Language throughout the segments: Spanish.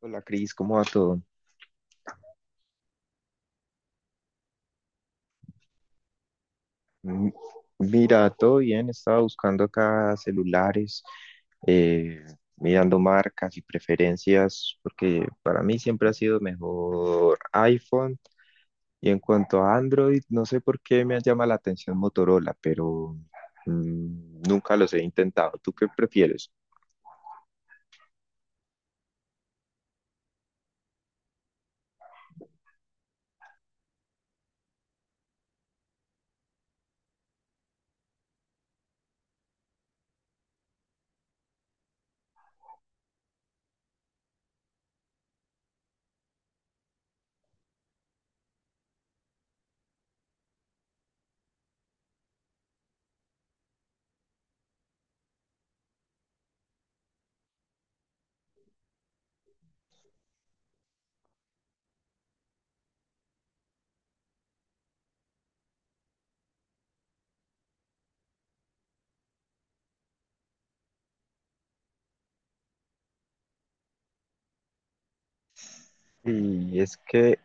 Hola Cris, ¿cómo va todo? M- Mira, todo bien, estaba buscando acá celulares, eh, mirando marcas y preferencias, porque para mí siempre ha sido mejor iPhone. Y en cuanto a Android, no sé por qué me llama la atención Motorola, pero nunca los he intentado. ¿Tú qué prefieres? Y es que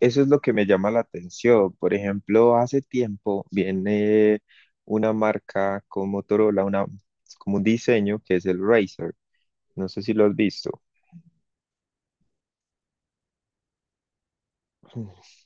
eso es lo que me llama la atención. Por ejemplo, hace tiempo viene una marca con Motorola, una, como un diseño que es el Razer. No sé si lo has visto.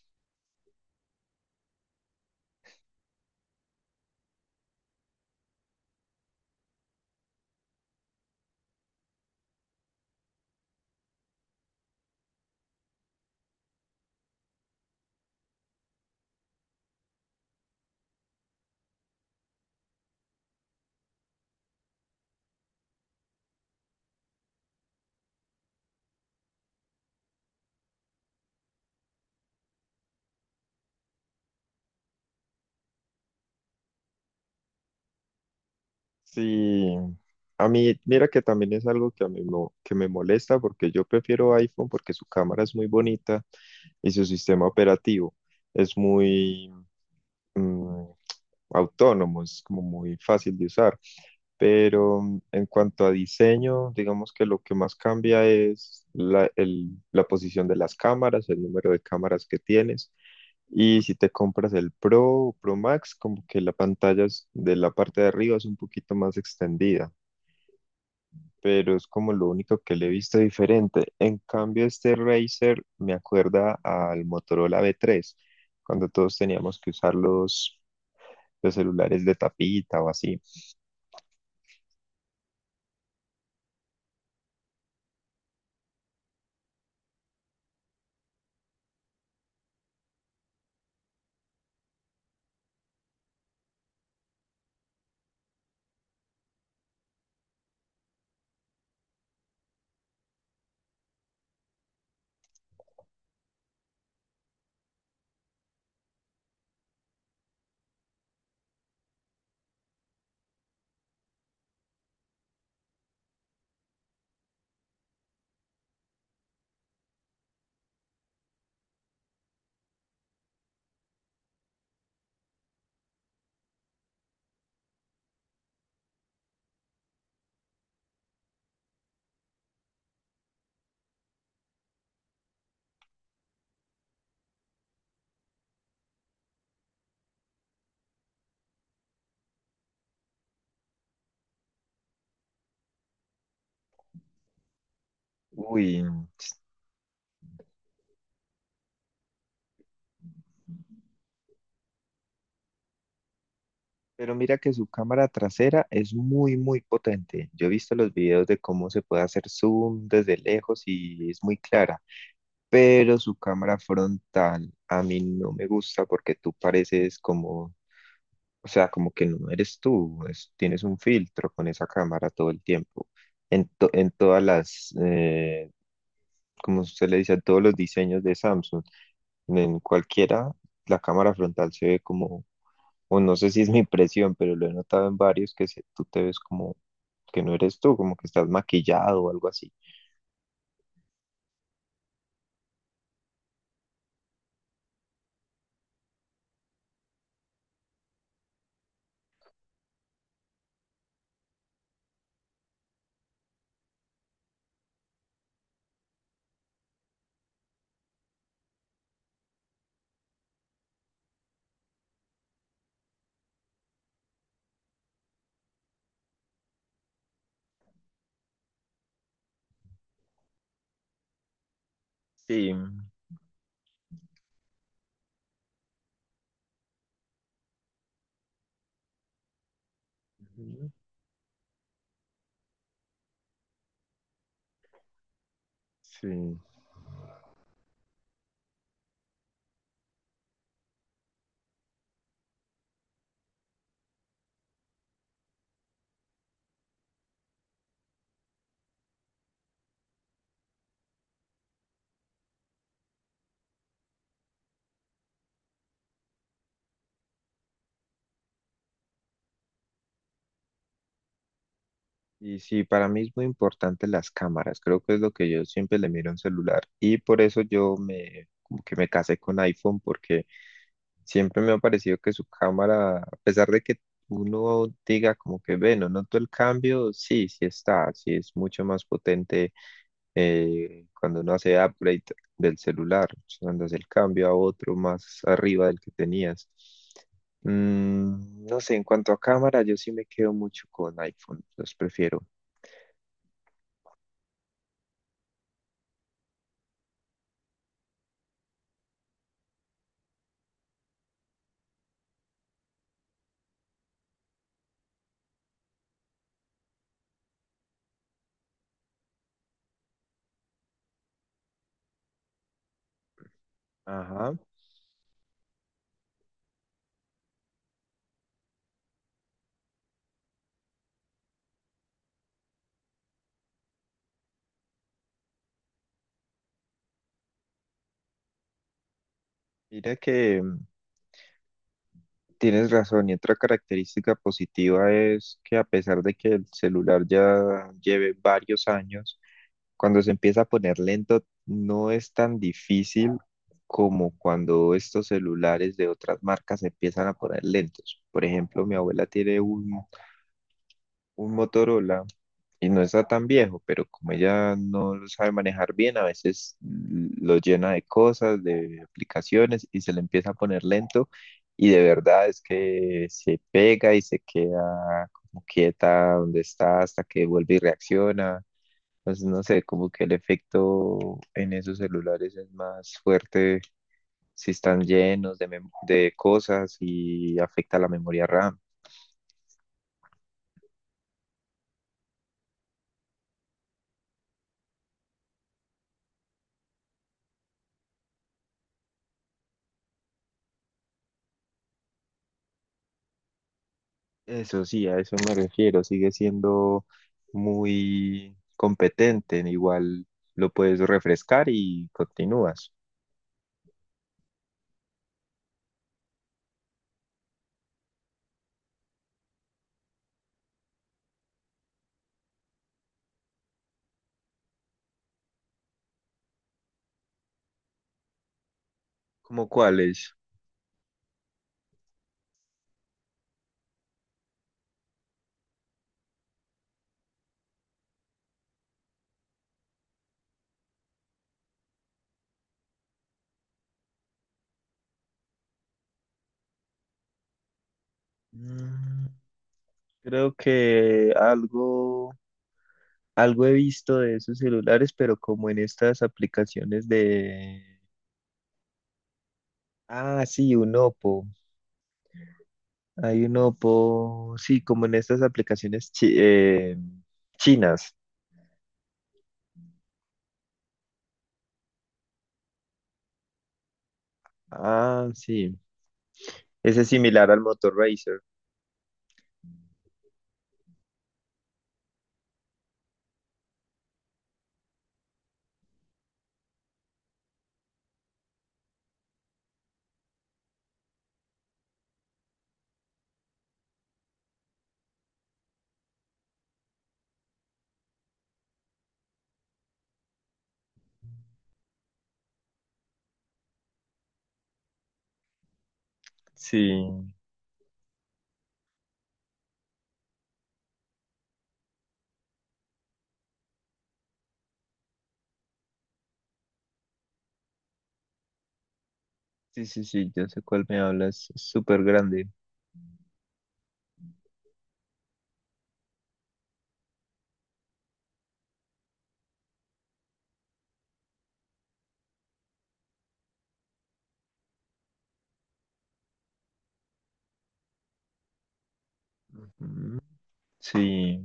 Sí, a mí, mira que también es algo que a mí que me molesta porque yo prefiero iPhone porque su cámara es muy bonita y su sistema operativo es muy mm, autónomo, es como muy fácil de usar. Pero en cuanto a diseño, digamos que lo que más cambia es la posición de las cámaras, el número de cámaras que tienes. Y si te compras el Pro o Pro Max, como que la de la parte de arriba es un poquito más extendida, pero es como lo único que le he visto diferente. En cambio, este Razer me acuerda al Motorola V3, cuando todos teníamos que usar los celulares de tapita o así. Uy. Pero mira que su cámara trasera es muy, muy potente. Yo he visto los videos de cómo se puede hacer zoom desde lejos y es muy clara. Pero su cámara frontal a mí no me gusta porque tú pareces como, o sea, como que no eres tú. Tienes un filtro con esa cámara todo el tiempo. En, en todas las, como usted le dice, en todos los diseños de Samsung, en cualquiera, la cámara frontal se ve como, o no sé si es mi impresión, pero lo he notado en varios tú te ves como que no eres tú, como que estás maquillado o algo así. Sí, ujú, sí. Y sí, para mí es muy importante las cámaras, creo que es lo que yo siempre le miro a un celular y por eso yo me, como que me casé con iPhone porque siempre me ha parecido que su cámara, a pesar de que uno diga como que, bueno, noto el cambio, sí, sí está, sí es mucho más potente, cuando uno hace upgrade del celular, cuando hace el cambio a otro más arriba del que tenías. No sé, en cuanto a cámara, yo sí me quedo mucho con iPhone, los prefiero. Ajá, mira que tienes razón. Y otra característica positiva es que a pesar de que el celular ya lleve varios años, cuando se empieza a poner lento, no es tan difícil como cuando estos celulares de otras marcas se empiezan a poner lentos. Por ejemplo, mi abuela tiene un Motorola y no está tan viejo, pero como ella no lo sabe manejar bien, a veces lo llena de cosas, de aplicaciones y se le empieza a poner lento y de verdad es que se pega y se queda como quieta donde está hasta que vuelve y reacciona. Entonces, no sé, como que el efecto en esos celulares es más fuerte si están llenos de, de cosas y afecta la memoria RAM. Eso sí, a eso me refiero. Sigue siendo muy competente. Igual lo puedes refrescar y continúas. ¿Cómo cuáles? Mm, Creo que algo, algo he visto de esos celulares, pero como en estas aplicaciones de... Ah, sí, un Oppo. Hay uno por, sí, como en estas aplicaciones chinas. Ah, sí. Ese es similar al Motor Racer. Sí, sí, sí, sí, yo sé cuál me hablas. Es súper grande. Ujú. Sí.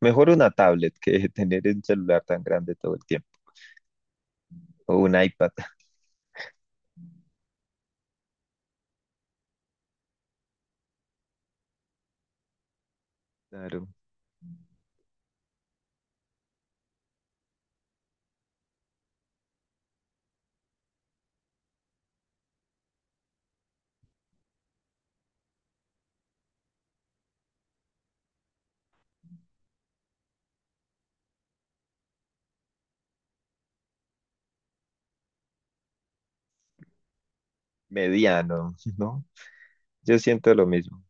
Mejor una tablet que tener un celular tan grande todo el tiempo. O un iPad. Claro. Mediano, ¿no? Yo siento lo mismo.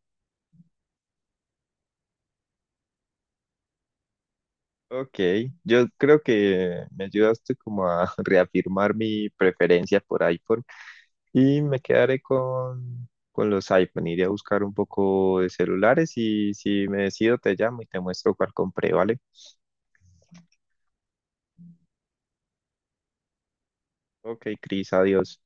Ok, yo creo que me ayudaste como a reafirmar mi preferencia por iPhone. Y me quedaré con los iPhone. Iré a buscar un poco de celulares y si me decido te llamo y te muestro cuál compré, ¿vale? Ok, Cris, adiós.